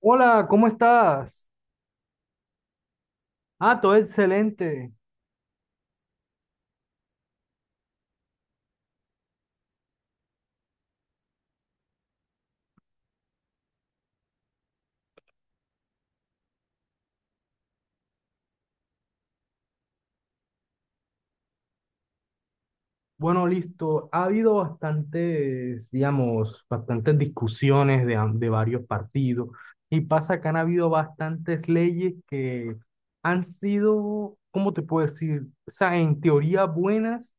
Hola, ¿cómo estás? Ah, todo excelente. Bueno, listo. Ha habido bastantes, digamos, bastantes discusiones de varios partidos y pasa que han habido bastantes leyes que han sido, ¿cómo te puedo decir? O sea, en teoría buenas,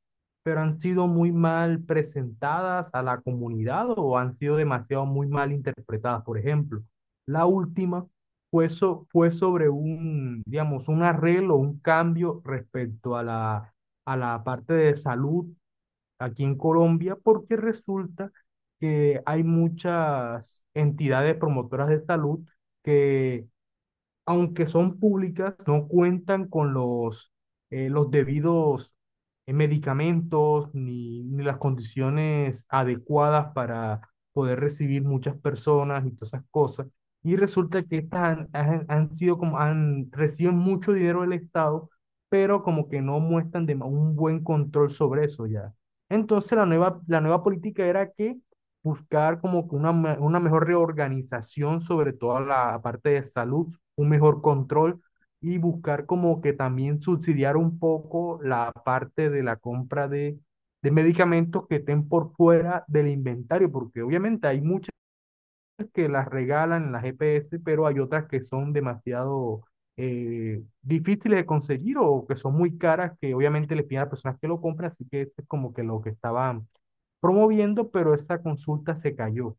pero han sido muy mal presentadas a la comunidad o han sido demasiado muy mal interpretadas. Por ejemplo, la última fue sobre un, digamos, un arreglo, un cambio respecto a la parte de salud aquí en Colombia porque resulta que hay muchas entidades promotoras de salud que aunque son públicas, no cuentan con los debidos medicamentos ni las condiciones adecuadas para poder recibir muchas personas y todas esas cosas. Y resulta que estas han, han- han sido como, han, reciben mucho dinero del Estado, pero como que no muestran un buen control sobre eso ya. Entonces la nueva política era que buscar como que una mejor reorganización sobre toda la parte de salud un mejor control y buscar como que también subsidiar un poco la parte de la compra de medicamentos que estén por fuera del inventario, porque obviamente hay muchas que las regalan en las EPS, pero hay otras que son demasiado difíciles de conseguir o que son muy caras, que obviamente les piden a las personas que lo compran, así que esto es como que lo que estaban promoviendo, pero esa consulta se cayó.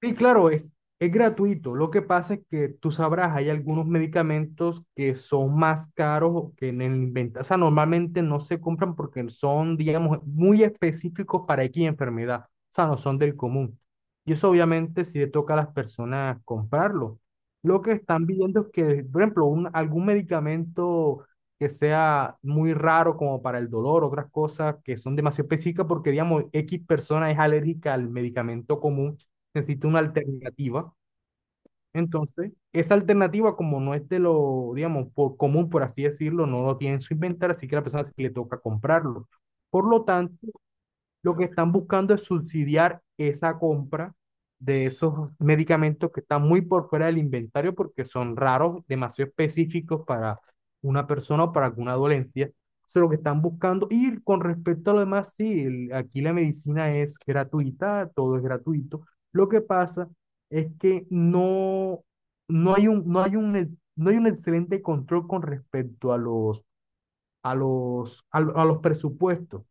Sí, claro, es gratuito. Lo que pasa es que tú sabrás, hay algunos medicamentos que son más caros o que en el inventario. O sea, normalmente no se compran porque son, digamos, muy específicos para X enfermedad. O sea, no son del común. Y eso obviamente sí le toca a las personas comprarlo. Lo que están viendo es que, por ejemplo, algún medicamento que sea muy raro como para el dolor, otras cosas que son demasiado específicas porque, digamos, X persona es alérgica al medicamento común necesita una alternativa. Entonces, esa alternativa, como no es de lo, digamos, por común, por así decirlo, no lo tiene en su inventario, así que a la persona sí le toca comprarlo. Por lo tanto, lo que están buscando es subsidiar esa compra de esos medicamentos que están muy por fuera del inventario porque son raros, demasiado específicos para una persona o para alguna dolencia. Eso es lo que están buscando. Y con respecto a lo demás, sí, aquí la medicina es gratuita, todo es gratuito. Lo que pasa es que no hay un, no hay un, no hay un excelente control con respecto a los, a los, a los presupuestos.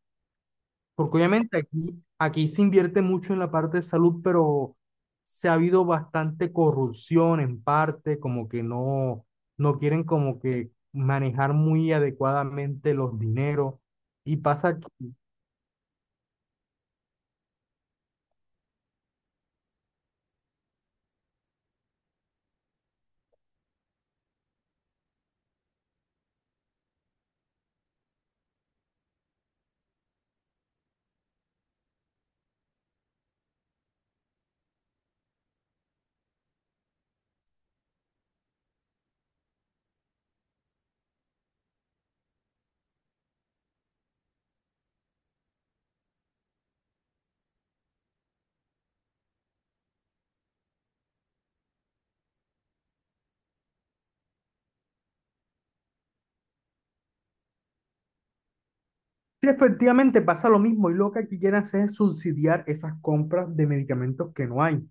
Porque obviamente aquí se invierte mucho en la parte de salud, pero se ha habido bastante corrupción en parte, como que no quieren como que manejar muy adecuadamente los dineros. Y pasa, que- sí, efectivamente pasa lo mismo, y lo que aquí quieren hacer es subsidiar esas compras de medicamentos que no hay.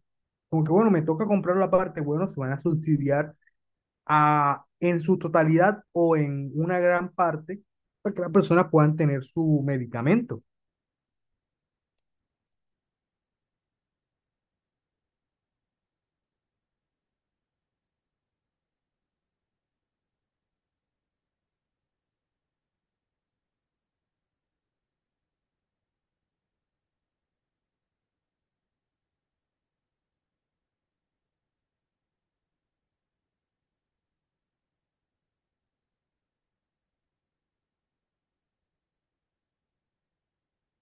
Como que bueno, me toca comprar la parte, bueno, se van a subsidiar en su totalidad o en una gran parte para que las personas puedan tener su medicamento.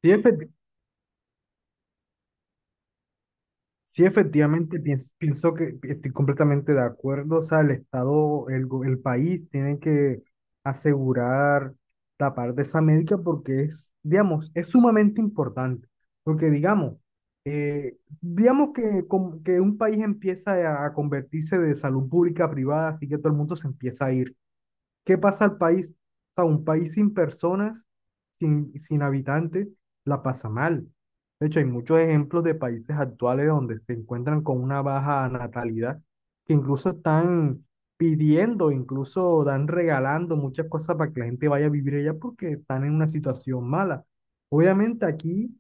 Sí, efecti- sí, efectivamente, pienso, que estoy completamente de acuerdo. O sea, el Estado, el país tienen que asegurar la parte de esa médica porque es, digamos, es sumamente importante. Porque, digamos, digamos que un país empieza a convertirse de salud pública a privada, así que todo el mundo se empieza a ir. ¿Qué pasa al país? O sea, un país sin personas, sin habitantes, la pasa mal. De hecho, hay muchos ejemplos de países actuales donde se encuentran con una baja natalidad, que incluso están pidiendo, incluso dan regalando muchas cosas para que la gente vaya a vivir allá porque están en una situación mala. Obviamente aquí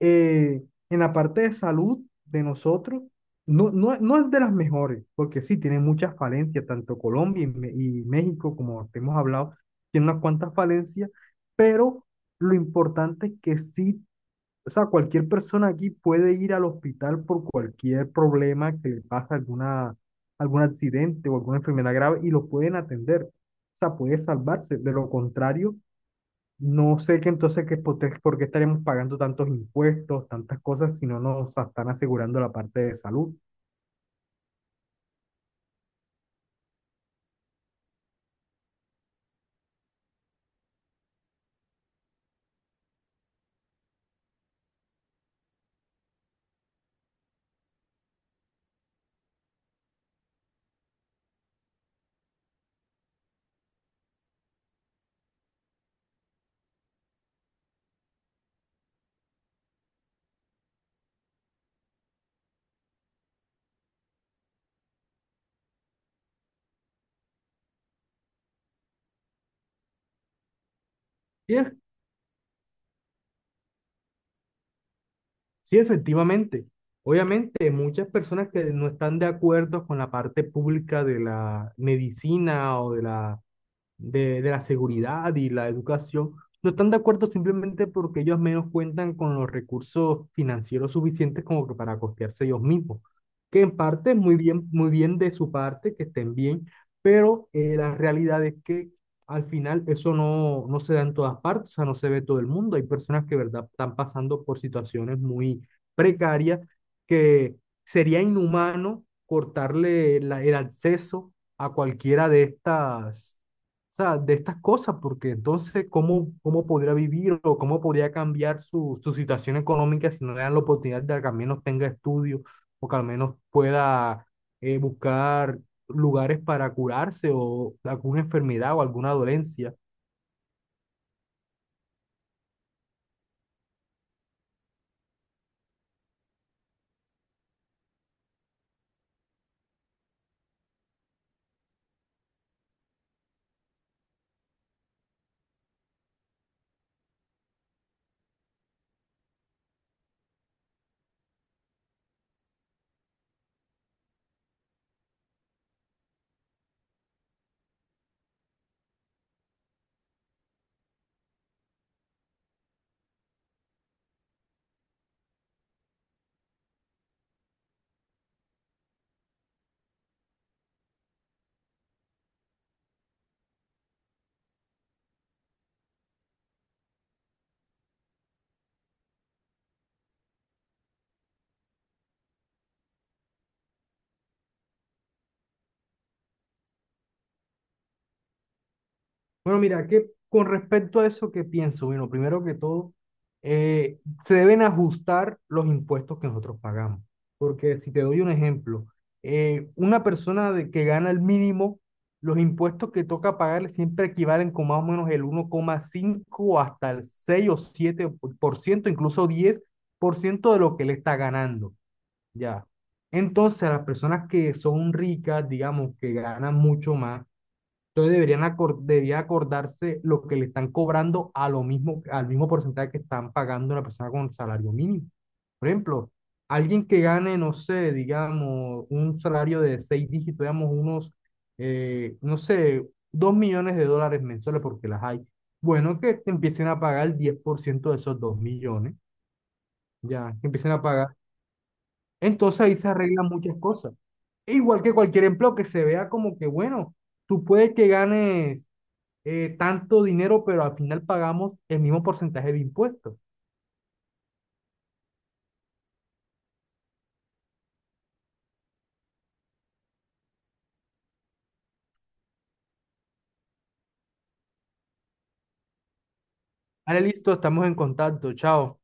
eh, en la parte de salud de nosotros, no es de las mejores, porque sí, tiene muchas falencias, tanto Colombia y México, como te hemos hablado, tiene unas cuantas falencias, pero lo importante es que sí, o sea, cualquier persona aquí puede ir al hospital por cualquier problema que le pase alguna, algún accidente o alguna enfermedad grave y lo pueden atender. O sea, puede salvarse. De lo contrario, no sé que entonces que por qué estaremos pagando tantos impuestos, tantas cosas, si no nos están asegurando la parte de salud. Sí, es- sí, efectivamente. Obviamente, muchas personas que no están de acuerdo con la parte pública de la medicina o de la de la seguridad y la educación, no están de acuerdo simplemente porque ellos menos cuentan con los recursos financieros suficientes como que para costearse ellos mismos. Que en parte es muy bien de su parte, que estén bien, pero la realidad es que al final eso no se da en todas partes, o sea, no se ve todo el mundo. Hay personas que, verdad, están pasando por situaciones muy precarias que sería inhumano cortarle el acceso a cualquiera de estas o sea, de estas cosas, porque entonces, ¿cómo podría vivir o cómo podría cambiar su situación económica si no le dan la oportunidad de que al menos tenga estudios o que al menos pueda buscar lugares para curarse o alguna enfermedad o alguna dolencia? Bueno, mira, que con respecto a eso, ¿qué pienso? Bueno, primero que todo, eh, se deben ajustar los impuestos que nosotros pagamos. Porque si te doy un ejemplo, una persona que gana el mínimo, los impuestos que toca pagarle siempre equivalen con más o menos el 1,5 hasta el 6 o 7% incluso 10% de lo que él está ganando, ¿ya? Entonces, a las personas que son ricas, digamos, que ganan mucho más, entonces debería acordarse lo que le están cobrando a lo mismo, al mismo porcentaje que están pagando una persona con salario mínimo. Por ejemplo, alguien que gane, no sé, digamos, un salario de seis dígitos, digamos, unos, no sé, 2 millones de dólares mensuales, porque las hay. Bueno, que te empiecen a pagar el 10% de esos 2 millones, ya, que empiecen a pagar. Entonces ahí se arreglan muchas cosas. E igual que cualquier empleo que se vea como que, bueno, tú puedes que ganes tanto dinero, pero al final pagamos el mismo porcentaje de impuestos. Vale, listo, estamos en contacto. Chao.